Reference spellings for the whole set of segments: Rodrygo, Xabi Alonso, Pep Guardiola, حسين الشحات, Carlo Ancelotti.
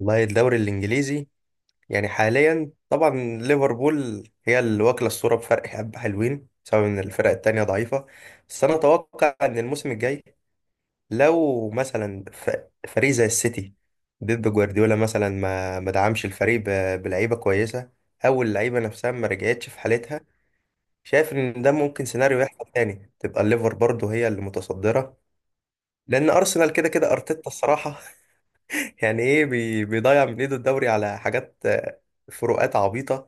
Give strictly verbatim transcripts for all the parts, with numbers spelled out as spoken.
والله الدوري الانجليزي يعني حاليا طبعا ليفربول هي اللي واكله الصوره بفرق حبه حلوين بسبب ان الفرق التانية ضعيفه. بس انا اتوقع ان الموسم الجاي لو مثلا ف- فريق زي السيتي، بيب جوارديولا مثلا ما ما دعمش الفريق ب- بلعيبه كويسه، او اللعيبه نفسها ما رجعتش في حالتها، شايف ان ده ممكن سيناريو يحصل تاني، تبقى الليفر برضه هي اللي متصدره. لان ارسنال كده كده ارتيتا الصراحه يعني ايه، بي- بيضيع من ايده الدوري على حاجات آه، فروقات عبيطة.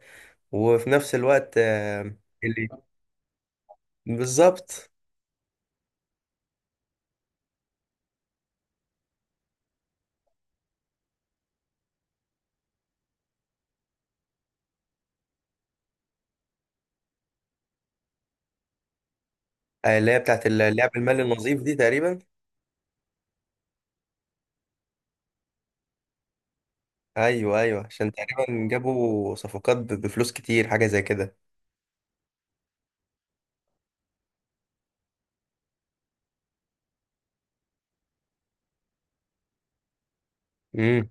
وفي نفس الوقت آه، اللي بالظبط آه، اللي هي بتاعت اللعب المالي النظيف دي تقريبا. ايوه ايوه، عشان تقريبا جابوا صفقات ب- بفلوس كتير حاجة زي كده. امم.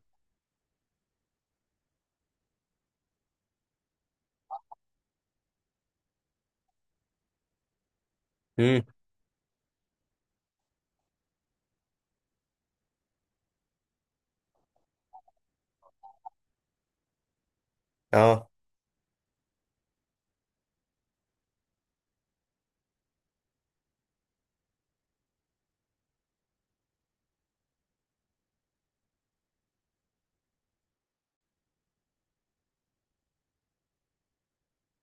امم. اه.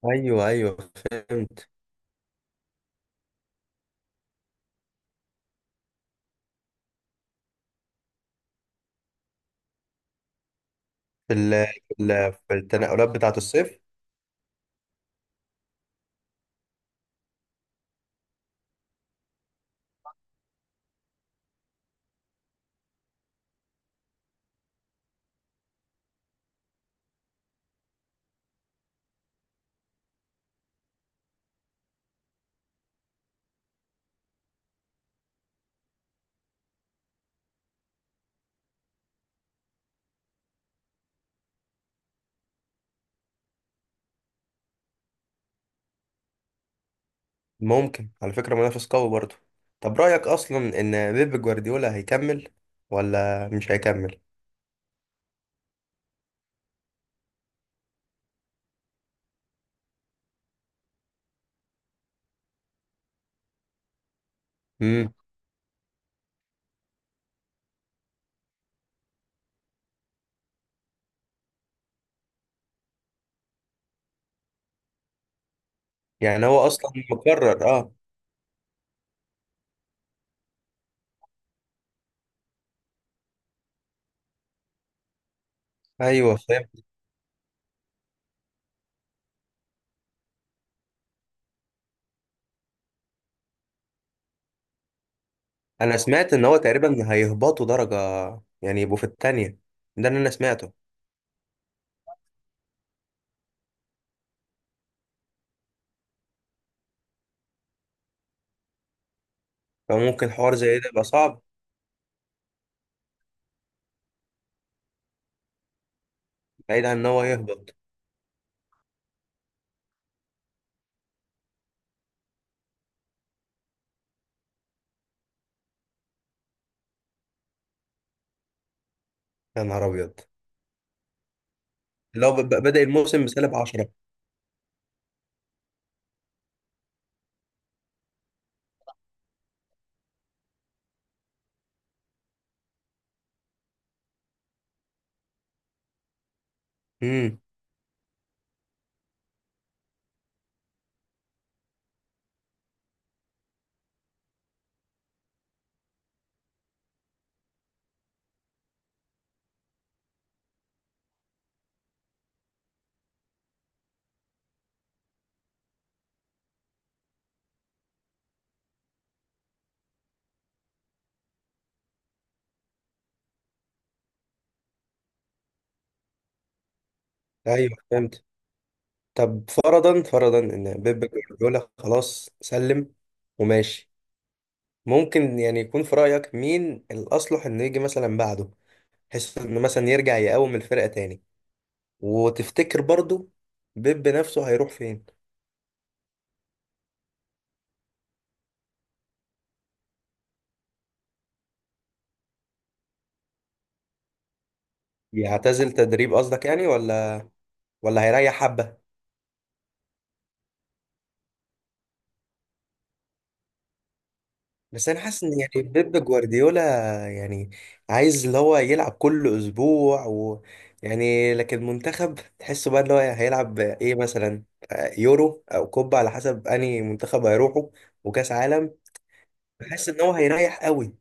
ايوه ايوه فهمت. في ال- في ال- في التنقلات بتاعت الصيف. ممكن على فكرة منافس قوي برضه. طب رأيك اصلا ان بيب جوارديولا هيكمل ولا مش هيكمل؟ امم. يعني هو اصلا مكرر اه. ايوه فاهم. انا سمعت ان هو تقريبا هيهبطوا درجه، يعني يبقوا في التانية. ده اللي انا سمعته. فممكن حوار زي ده يبقى صعب، بعيد عن ان هو يهبط. يا نهار ابيض، لو ب- ب- بدأ الموسم بسالب عشرة. امم. ايوه فهمت. طب فرضا فرضا ان بيب جوارديولا خلاص سلم وماشي، ممكن يعني يكون في رأيك مين الأصلح إنه يجي مثلا بعده، بحيث إنه مثلا يرجع يقوم الفرقة تاني؟ وتفتكر برضو بيب نفسه هيروح فين؟ يعتزل تدريب قصدك يعني، ولا ولا هيريح حبة؟ بس انا حاسس ان يعني بيب جوارديولا يعني عايز اللي هو يلعب كل اسبوع و يعني، لكن المنتخب تحسه بقى اللي هو هيلعب ايه مثلا، آه، يورو او كوبا على حسب انهي منتخب هيروحوا، وكاس عالم. بحس ان هو هيريح قوي.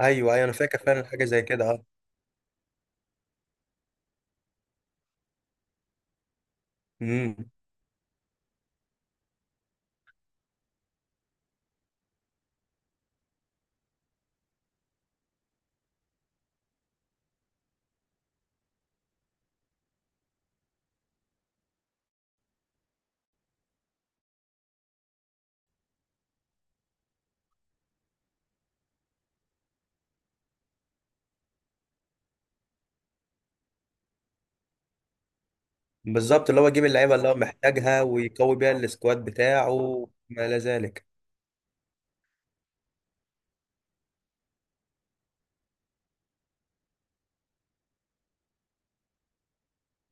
ايوه ايوه انا فاكر فعلا حاجة زي كده. اه بالظبط، اللي هو يجيب اللعيبه اللي هو محتاجها ويقوي بيها السكواد بتاعه ما الى ذلك.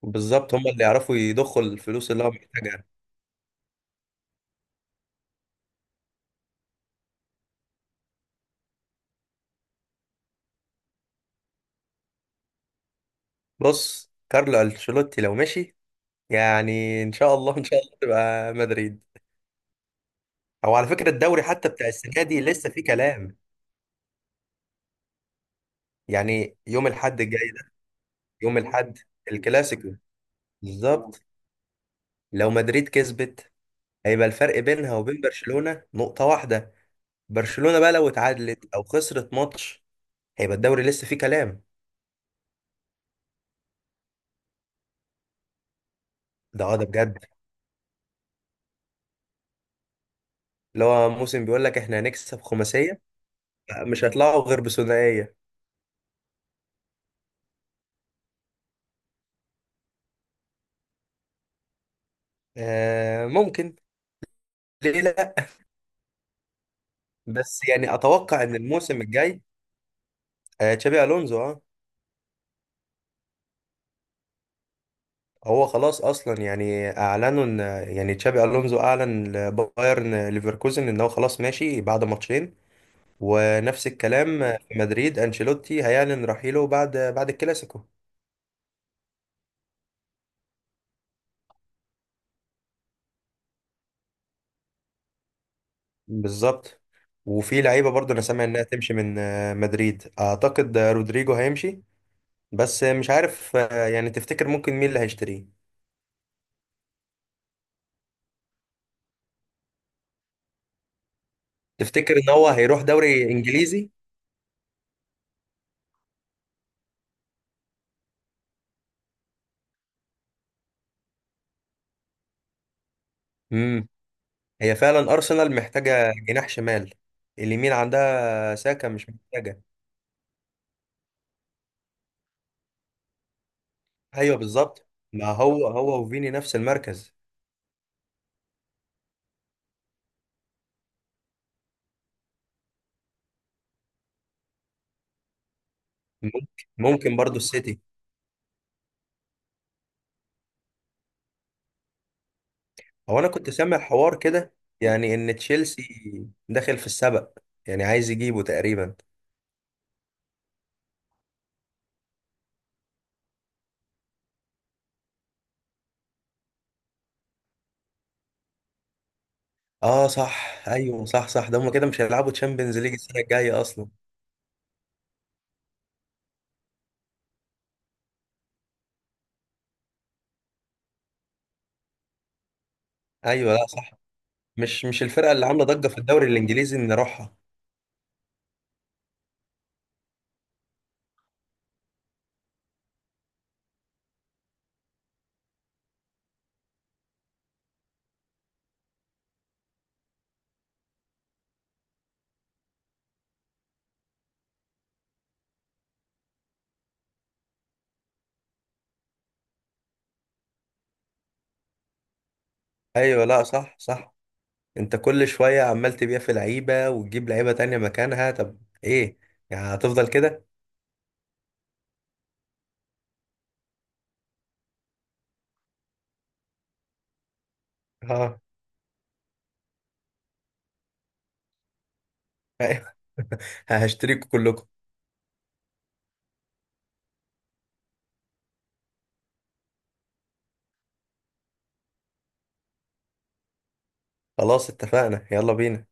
بالظبط، هم اللي يعرفوا يضخوا الفلوس اللي هو محتاجها. بص، كارلو انشيلوتي لو مشي، يعني ان شاء الله ان شاء الله تبقى مدريد. او على فكره الدوري حتى بتاع السنه دي لسه فيه كلام، يعني يوم الاحد الجاي ده. يوم الاحد الكلاسيكو، بالظبط. لو مدريد كسبت هيبقى الفرق بينها وبين برشلونه نقطه واحده. برشلونه بقى لو اتعادلت او خسرت ماتش هيبقى الدوري لسه فيه كلام. ده اه ده بجد. اللي هو موسم بيقول لك احنا هنكسب خماسية، مش هيطلعوا غير بثنائية. آه ممكن، ليه لا. بس يعني اتوقع ان الموسم الجاي، آه تشابي الونزو اه. هو خلاص اصلا يعني اعلنوا ان، يعني تشابي الونزو اعلن لبايرن ليفركوزن ان هو خلاص ماشي بعد ماتشين. ونفس الكلام في مدريد، انشيلوتي هيعلن رحيله بعد بعد الكلاسيكو. بالظبط. وفي لعيبه برضه انا سامع انها تمشي من آه، مدريد، اعتقد آه، رودريجو هيمشي. بس مش عارف آه، يعني تفتكر ممكن مين اللي هيشتريه. تفتكر ان هو هيروح دوري انجليزي؟ امم. هي فعلا ارسنال محتاجه جناح شمال، اليمين عندها ساكا مش محتاجه. ايوه بالظبط، ما هو هو وفيني نفس المركز. ممكن، ممكن برضو السيتي. هو انا كنت سامع حوار كده، يعني ان تشيلسي داخل في السبق، يعني عايز يجيبه تقريبا. اه صح، ايوه صح صح، ده هم كده مش هيلعبوا تشامبيونز ليج السنه الجايه اصلا. ايوه لا صح. مش مش الفرقة اللي عاملة ضجة في الدوري الإنجليزي إن نروحها. أيوة لا صح صح. أنت كل شوية عمال تبيع في لعيبة وتجيب لعيبة تانية مكانها، طب إيه يعني هتفضل كده؟ اه. أيوة. هشتريكوا كلكم. خلاص اتفقنا، يلا بينا.